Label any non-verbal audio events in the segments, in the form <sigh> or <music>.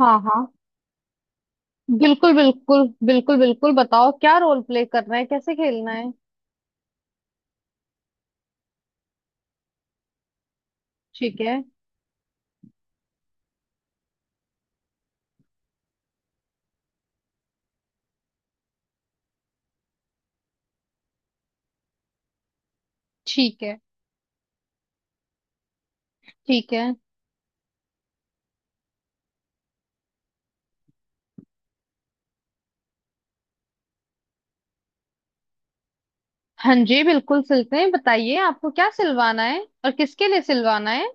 हाँ हाँ, बिल्कुल बिल्कुल बिल्कुल बिल्कुल बताओ क्या रोल प्ले करना है, कैसे खेलना है। ठीक है। ठीक है। ठीक है। हाँ जी बिल्कुल सिलते हैं, बताइए आपको क्या सिलवाना है और किसके लिए सिलवाना है।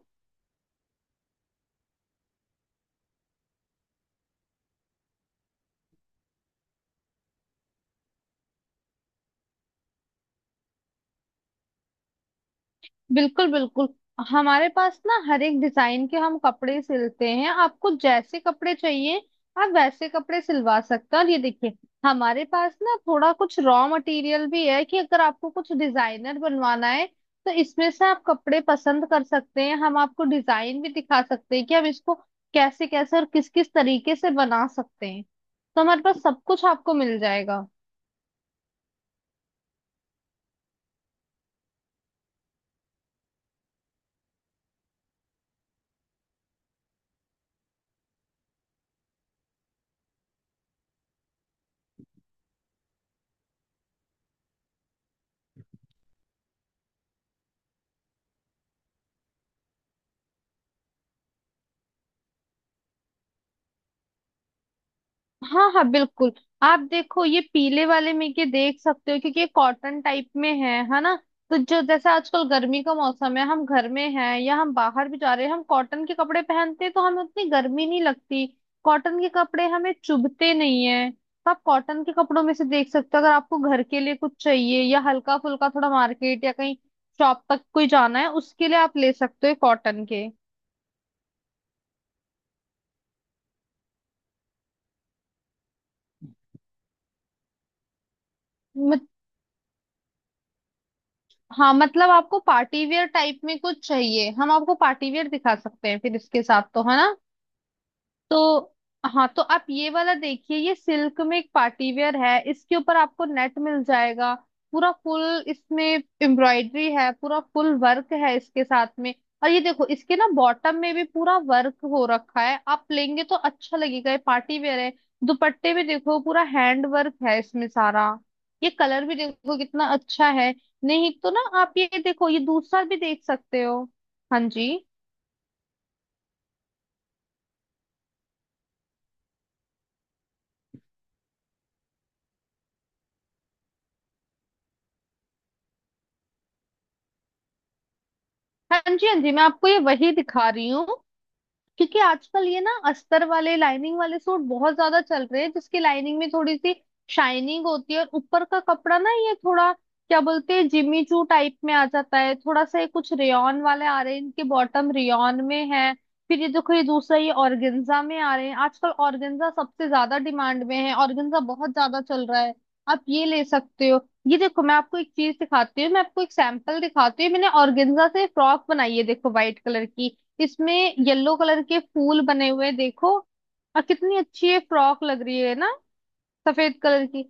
बिल्कुल बिल्कुल, हमारे पास ना हर एक डिजाइन के हम कपड़े सिलते हैं, आपको जैसे कपड़े चाहिए आप वैसे कपड़े सिलवा सकते हैं। और ये देखिए, हमारे पास ना थोड़ा कुछ रॉ मटेरियल भी है कि अगर आपको कुछ डिजाइनर बनवाना है तो इसमें से आप कपड़े पसंद कर सकते हैं, हम आपको डिजाइन भी दिखा सकते हैं कि हम इसको कैसे कैसे और किस किस तरीके से बना सकते हैं, तो हमारे पास सब कुछ आपको मिल जाएगा। हाँ हाँ बिल्कुल। आप देखो ये पीले वाले में के देख सकते हो क्योंकि ये कॉटन टाइप में है ना। तो जो जैसे आजकल गर्मी का मौसम है, हम घर में हैं या हम बाहर भी जा रहे हैं, हम कॉटन के कपड़े पहनते हैं तो हमें उतनी गर्मी नहीं लगती, कॉटन के कपड़े हमें चुभते नहीं है। तो आप कॉटन के कपड़ों में से देख सकते हो, अगर आपको घर के लिए कुछ चाहिए या हल्का फुल्का थोड़ा मार्केट या कहीं शॉप तक कोई जाना है उसके लिए आप ले सकते हो कॉटन के। हाँ मतलब आपको पार्टी वेयर टाइप में कुछ चाहिए, हम आपको पार्टी वेयर दिखा सकते हैं फिर इसके साथ तो, है ना। तो हाँ, तो आप ये वाला देखिए, ये सिल्क में एक पार्टी वेयर है, इसके ऊपर आपको नेट मिल जाएगा पूरा फुल, इसमें एम्ब्रॉयडरी है, पूरा फुल वर्क है इसके साथ में। और ये देखो इसके ना बॉटम में भी पूरा वर्क हो रखा है, आप लेंगे तो अच्छा लगेगा, ये पार्टी वेयर है। दुपट्टे में देखो पूरा हैंड वर्क है इसमें सारा, ये कलर भी देखो कितना अच्छा है। नहीं तो ना आप ये देखो, ये दूसरा भी देख सकते हो। हाँ जी, हाँ जी, हाँ जी। मैं आपको ये वही दिखा रही हूँ, क्योंकि आजकल ये ना अस्तर वाले लाइनिंग वाले सूट बहुत ज्यादा चल रहे हैं, जिसकी लाइनिंग में थोड़ी सी शाइनिंग होती है और ऊपर का कपड़ा ना ये थोड़ा क्या बोलते हैं, जिमी चू टाइप में आ जाता है थोड़ा सा। ये कुछ रेयॉन वाले आ रहे हैं, इनके बॉटम रेयॉन में है। फिर ये देखो ये दूसरा, ये ऑर्गेन्जा में आ रहे हैं, आजकल ऑर्गेन्जा सबसे ज्यादा डिमांड में है, ऑर्गेन्जा बहुत ज्यादा चल रहा है, आप ये ले सकते हो। ये देखो मैं आपको एक चीज दिखाती हूँ, मैं आपको एक सैंपल दिखाती हूँ, मैंने ऑर्गेन्जा से फ्रॉक बनाई है, देखो व्हाइट कलर की। इसमें येलो कलर के फूल बने हुए हैं, देखो। और कितनी अच्छी ये फ्रॉक लग रही है ना, सफेद कलर की।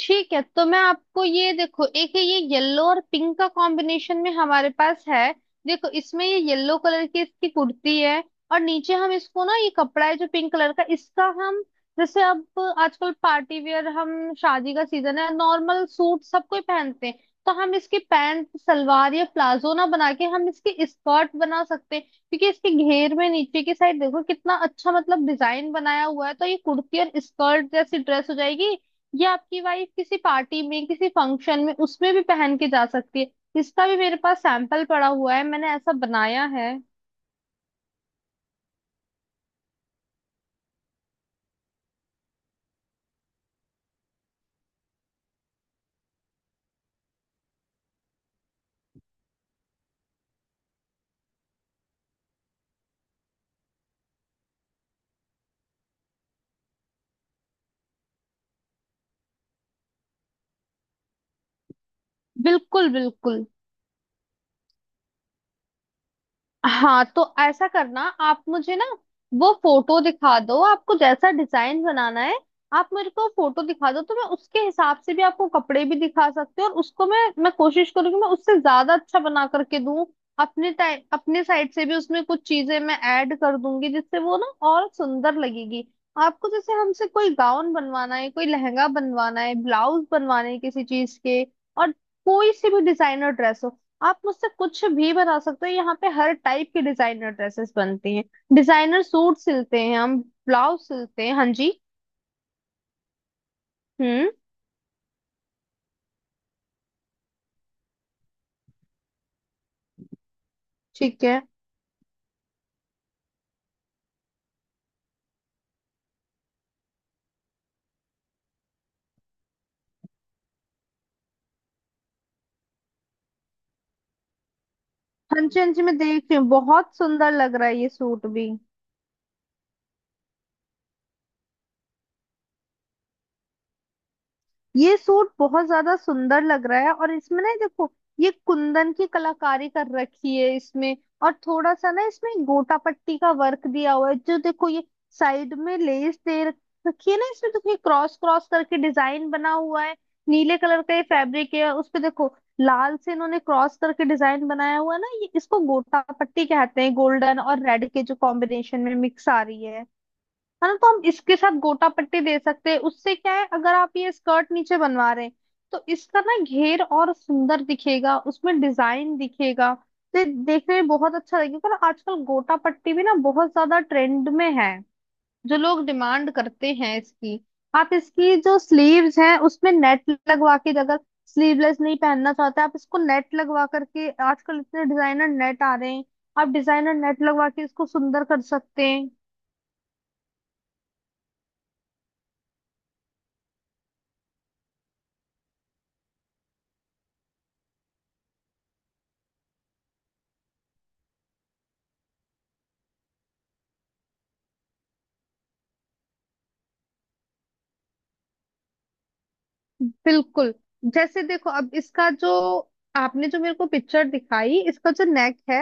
ठीक है, तो मैं आपको ये देखो एक है, ये येलो और पिंक का कॉम्बिनेशन में हमारे पास है। देखो इसमें ये येलो कलर की इसकी कुर्ती है, और नीचे हम इसको ना ये कपड़ा है जो पिंक कलर का, इसका हम जैसे अब आजकल पार्टी वेयर, हम शादी का सीजन है, नॉर्मल सूट सब कोई पहनते हैं, तो हम इसकी पैंट सलवार या प्लाजो ना बना के हम इसकी स्कर्ट बना सकते हैं, क्योंकि इसके घेर में नीचे की साइड देखो कितना अच्छा मतलब डिजाइन बनाया हुआ है, तो ये कुर्ती और स्कर्ट जैसी ड्रेस हो जाएगी। ये आपकी वाइफ किसी पार्टी में किसी फंक्शन में उसमें भी पहन के जा सकती है। इसका भी मेरे पास सैंपल पड़ा हुआ है, मैंने ऐसा बनाया है। बिल्कुल बिल्कुल। हाँ तो ऐसा करना, आप मुझे ना वो फोटो दिखा दो आपको जैसा डिजाइन बनाना है, आप मेरे को फोटो दिखा दो तो मैं उसके हिसाब से भी आपको कपड़े भी दिखा सकती हूँ, और उसको मैं कोशिश करूंगी मैं उससे ज्यादा अच्छा बना करके दूं, अपने टाइम अपने साइड से भी उसमें कुछ चीजें मैं ऐड कर दूंगी, जिससे वो ना और सुंदर लगेगी। आपको जैसे हमसे कोई गाउन बनवाना है, कोई लहंगा बनवाना है, ब्लाउज बनवाना है किसी चीज के, और कोई से भी डिजाइनर ड्रेस हो, आप मुझसे कुछ भी बता सकते हो, यहाँ पे हर टाइप की डिजाइनर ड्रेसेस बनती हैं, डिजाइनर सूट सिलते हैं हम, ब्लाउज सिलते हैं। हाँ जी। हम्म। ठीक है। हाँ जी, हाँ जी, मैं देख रही हूँ, बहुत सुंदर लग रहा है ये सूट भी। ये सूट बहुत ज्यादा सुंदर लग रहा है, और इसमें ना ये देखो ये कुंदन की कलाकारी कर रखी है इसमें, और थोड़ा सा ना इसमें गोटा पट्टी का वर्क दिया हुआ है, जो देखो ये साइड में लेस दे रखी है ना, इसमें देखो ये क्रॉस क्रॉस करके डिजाइन बना हुआ है। नीले कलर का ये फैब्रिक है, उस पे देखो लाल से इन्होंने क्रॉस करके डिजाइन बनाया हुआ है ना, ये इसको गोटा पट्टी कहते हैं, गोल्डन और रेड के जो कॉम्बिनेशन में मिक्स आ रही है ना। तो हम इसके साथ गोटा पट्टी दे सकते हैं, उससे क्या है अगर आप ये स्कर्ट नीचे बनवा रहे हैं तो इसका ना घेर और सुंदर दिखेगा, उसमें डिजाइन दिखेगा, तो ये देखने में बहुत अच्छा लगेगा। और आजकल गोटा पट्टी भी ना बहुत ज्यादा ट्रेंड में है, जो लोग डिमांड करते हैं इसकी। आप इसकी जो स्लीव्स हैं उसमें नेट लगवा के, अगर स्लीवलेस नहीं पहनना चाहते आप इसको नेट लगवा करके, आजकल इतने डिजाइनर नेट आ रहे हैं, आप डिजाइनर नेट लगवा के इसको सुंदर कर सकते हैं। बिल्कुल। जैसे देखो अब इसका जो आपने जो मेरे को पिक्चर दिखाई, इसका जो नेक है,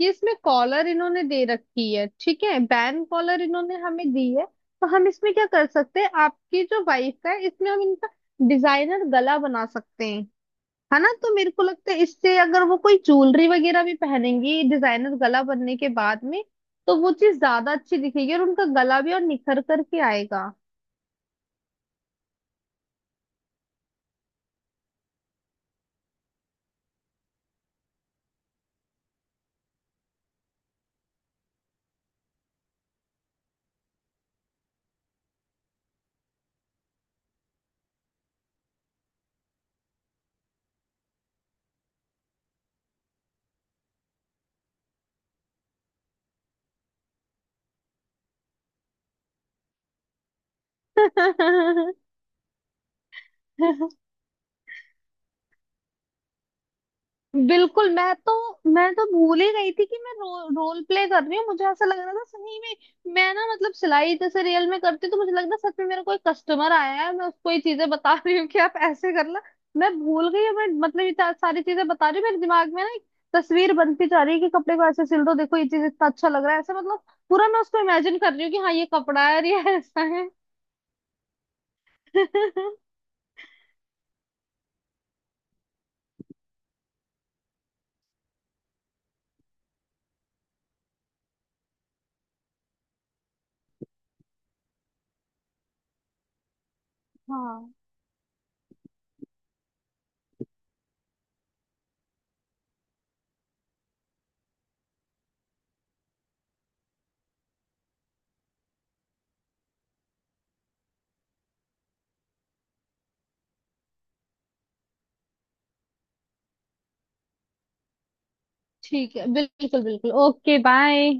ये इसमें कॉलर इन्होंने दे रखी है, ठीक है बैन कॉलर इन्होंने हमें दी है, तो हम इसमें क्या कर सकते हैं, आपकी जो वाइफ का है इसमें हम इनका डिजाइनर गला बना सकते हैं, है ना। तो मेरे को लगता है इससे अगर वो कोई ज्वेलरी वगैरह भी पहनेंगी डिजाइनर गला बनने के बाद में तो वो चीज ज्यादा अच्छी दिखेगी और उनका गला भी और निखर करके आएगा। <laughs> बिल्कुल, मैं तो भूल ही गई थी कि मैं रोल प्ले कर रही हूँ, मुझे ऐसा लग रहा था सही में, मैं ना मतलब सिलाई जैसे रियल में करती हूँ, तो मुझे लग रहा सच में मेरा कोई कस्टमर आया है, मैं उसको ये चीजें बता रही हूँ कि आप ऐसे करना। मैं भूल गई हूँ, मैं मतलब इतना सारी चीजें बता रही हूँ, मेरे दिमाग में ना एक तस्वीर बनती जा रही है कि कपड़े को ऐसे सिल दो, देखो ये चीज इतना अच्छा लग रहा है ऐसे मतलब, पूरा मैं उसको इमेजिन कर रही हूँ कि हाँ ये कपड़ा है और ये ऐसा है। <laughs> हाँ ठीक है, बिल्कुल बिल्कुल, ओके बाय।